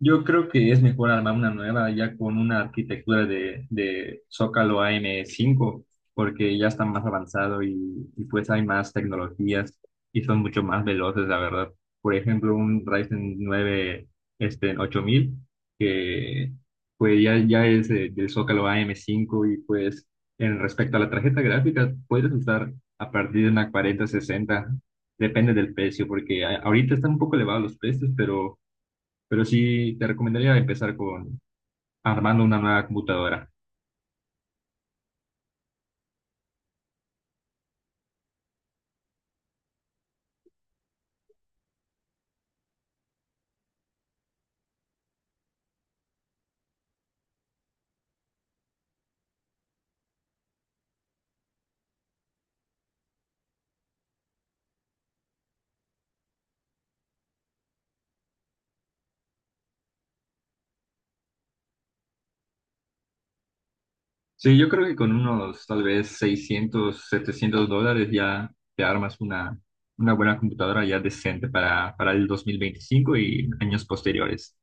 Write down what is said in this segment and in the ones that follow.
Yo creo que es mejor armar una nueva ya con una arquitectura de Zócalo AM5 porque ya está más avanzado y pues hay más tecnologías y son mucho más veloces, la verdad. Por ejemplo, un Ryzen 9 8000 que pues ya es del Zócalo AM5 y pues en respecto a la tarjeta gráfica, puedes usar a partir de una 4060 depende del precio, porque ahorita están un poco elevados los precios, Pero sí, te recomendaría empezar con armando una nueva computadora. Sí, yo creo que con unos tal vez 600, $700 ya te armas una buena computadora ya decente para el 2025 y años posteriores.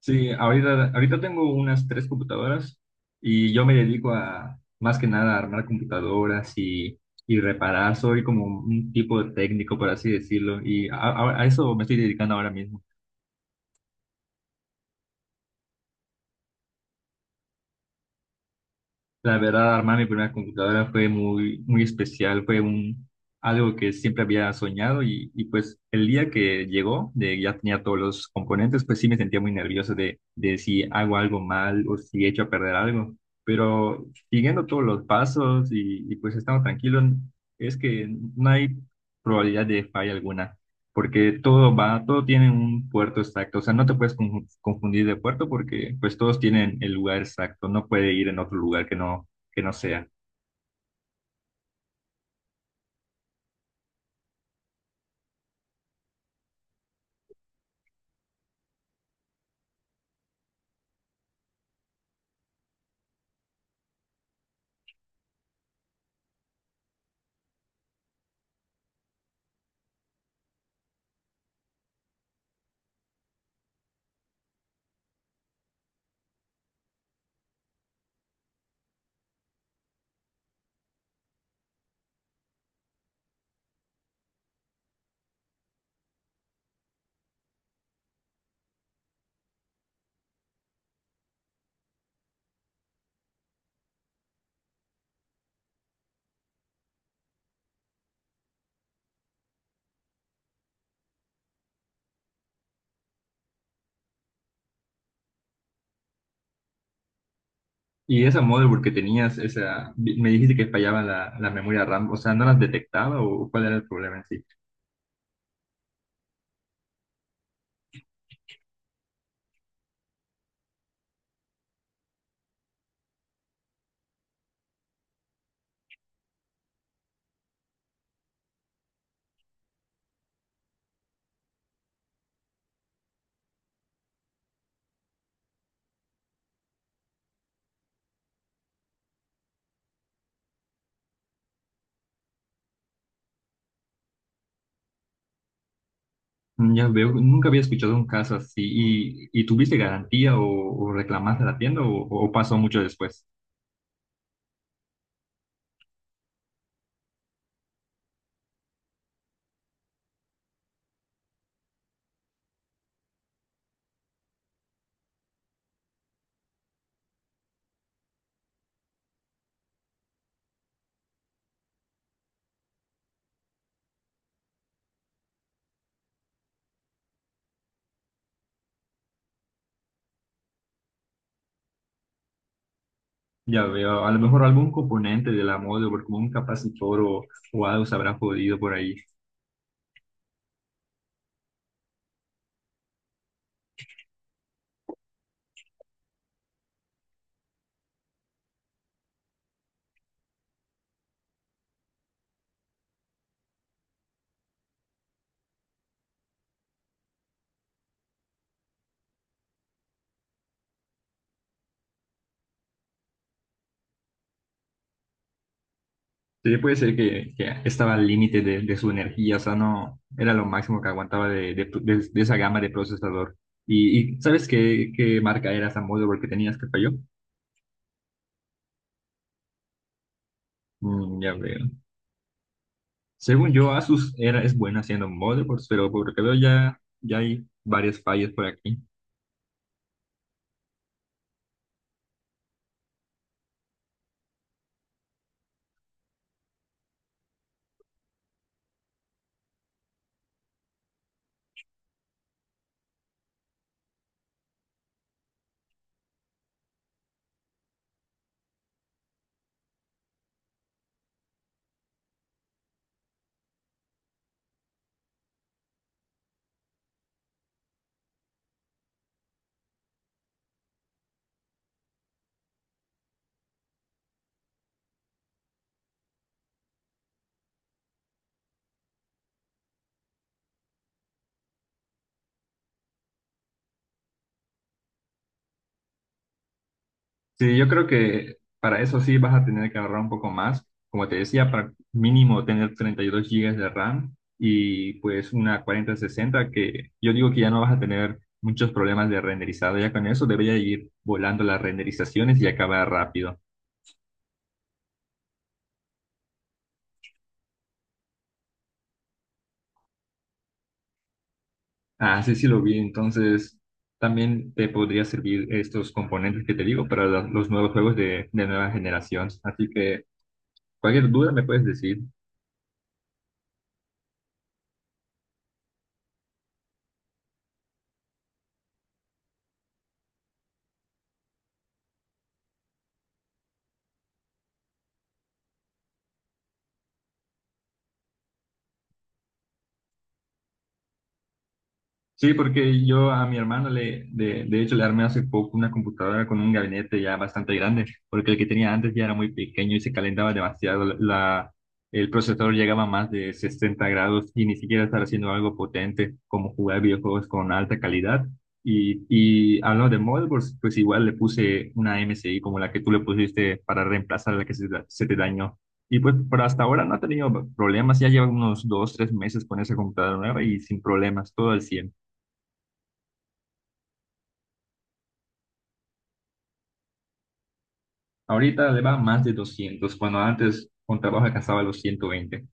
Sí, ahorita tengo unas tres computadoras y yo me dedico a más que nada a armar computadoras y reparar. Soy como un tipo de técnico, por así decirlo, y a eso me estoy dedicando ahora mismo. La verdad, armar mi primera computadora fue muy, muy especial, algo que siempre había soñado y pues el día que llegó, de ya tenía todos los componentes, pues sí me sentía muy nervioso de si hago algo mal o si echo a perder algo, pero siguiendo todos los pasos y pues estando tranquilo, es que no hay probabilidad de falla alguna porque todo va, todo tiene un puerto exacto, o sea, no te puedes confundir de puerto porque pues todos tienen el lugar exacto, no puede ir en otro lugar que no sea. Y esa motherboard que tenías, esa, me dijiste que fallaba la memoria RAM, o sea, ¿no las detectaba o cuál era el problema en sí? Mm, ya veo, nunca había escuchado un caso así y ¿tuviste garantía o reclamaste a la tienda o pasó mucho después? Ya veo, a lo mejor algún componente de la motherboard como un capacitor o algo se habrá podido por ahí. Sí, puede ser que estaba al límite de su energía, o sea, no era lo máximo que aguantaba de esa gama de procesador. ¿Y sabes qué marca era esa motherboard que tenías que falló? Mm, ya veo. Según yo, Asus era, es buena haciendo motherboards, pero por lo que veo ya hay varias fallas por aquí. Sí, yo creo que para eso sí vas a tener que ahorrar un poco más. Como te decía, para mínimo tener 32 gigas de RAM y pues una 4060 que yo digo que ya no vas a tener muchos problemas de renderizado. Ya con eso debería ir volando las renderizaciones y acabar rápido. Ah, sí, sí lo vi. Entonces también te podría servir estos componentes que te digo para los nuevos juegos de nueva generación. Así que cualquier duda me puedes decir. Sí, porque yo a mi hermano de hecho, le armé hace poco una computadora con un gabinete ya bastante grande, porque el que tenía antes ya era muy pequeño y se calentaba demasiado. El procesador llegaba a más de 60 grados y ni siquiera estaba haciendo algo potente como jugar videojuegos con alta calidad. Y hablando de motherboards, pues igual le puse una MSI como la que tú le pusiste para reemplazar la que se te dañó. Y pues por hasta ahora no ha tenido problemas, ya lleva unos dos, tres meses con esa computadora nueva y sin problemas, todo al 100. Ahorita le va más de 200 cuando antes con trabajo alcanzaba los 120.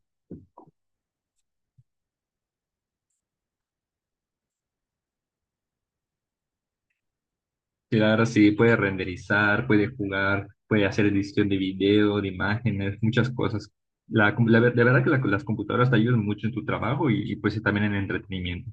Y ahora sí puede renderizar, puede jugar, puede hacer edición de video, de imágenes, muchas cosas. La verdad que las computadoras te ayudan mucho en tu trabajo y pues sí, también en el entretenimiento.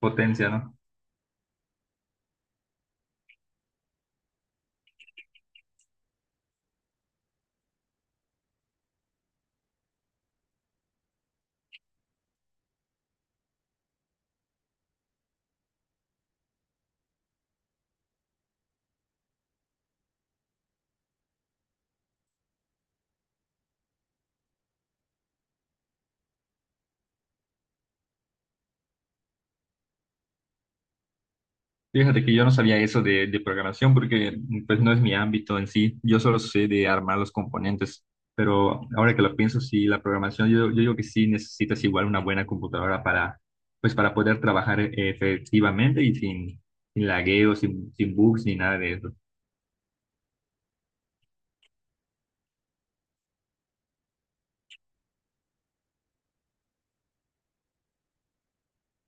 Potencia, ¿no? Fíjate que yo no sabía eso de programación porque pues no es mi ámbito en sí. Yo solo sé de armar los componentes. Pero ahora que lo pienso, sí, la programación, yo digo que sí necesitas igual una buena computadora para poder trabajar efectivamente y sin lagueos, sin bugs ni nada de eso.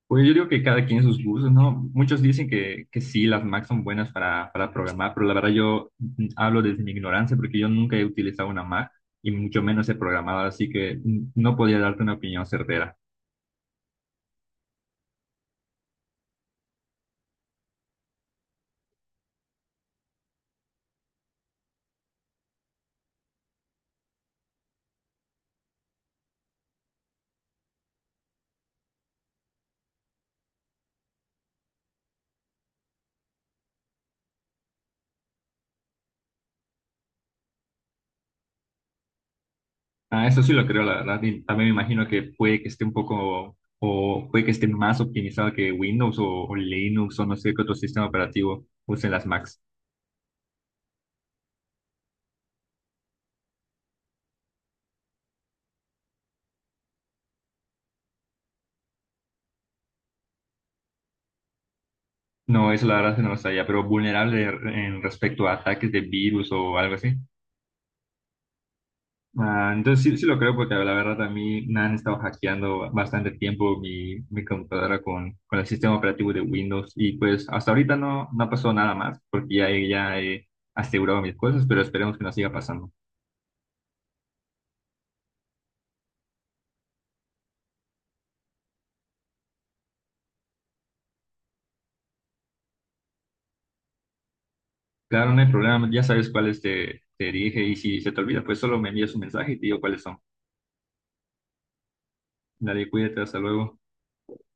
Pues yo digo que cada quien sus gustos, ¿no? Muchos dicen que sí, las Mac son buenas para programar, pero la verdad yo hablo desde mi ignorancia porque yo nunca he utilizado una Mac y mucho menos he programado, así que no podría darte una opinión certera. Ah, eso sí lo creo, la verdad. Y también me imagino que puede que esté un poco, o puede que esté más optimizado que Windows o Linux o no sé qué otro sistema operativo usen las Macs. No, eso la verdad que no lo sabía, pero vulnerable en respecto a ataques de virus o algo así. Ah, entonces sí, sí lo creo porque la verdad a mí me han estado hackeando bastante tiempo mi computadora con el sistema operativo de Windows y pues hasta ahorita no pasó nada más porque ya he asegurado mis cosas, pero esperemos que no siga pasando. Claro, no hay problema, ya sabes cuáles te dije y si se te olvida, pues solo me envías un mensaje y te digo cuáles son. Dale, cuídate, hasta luego.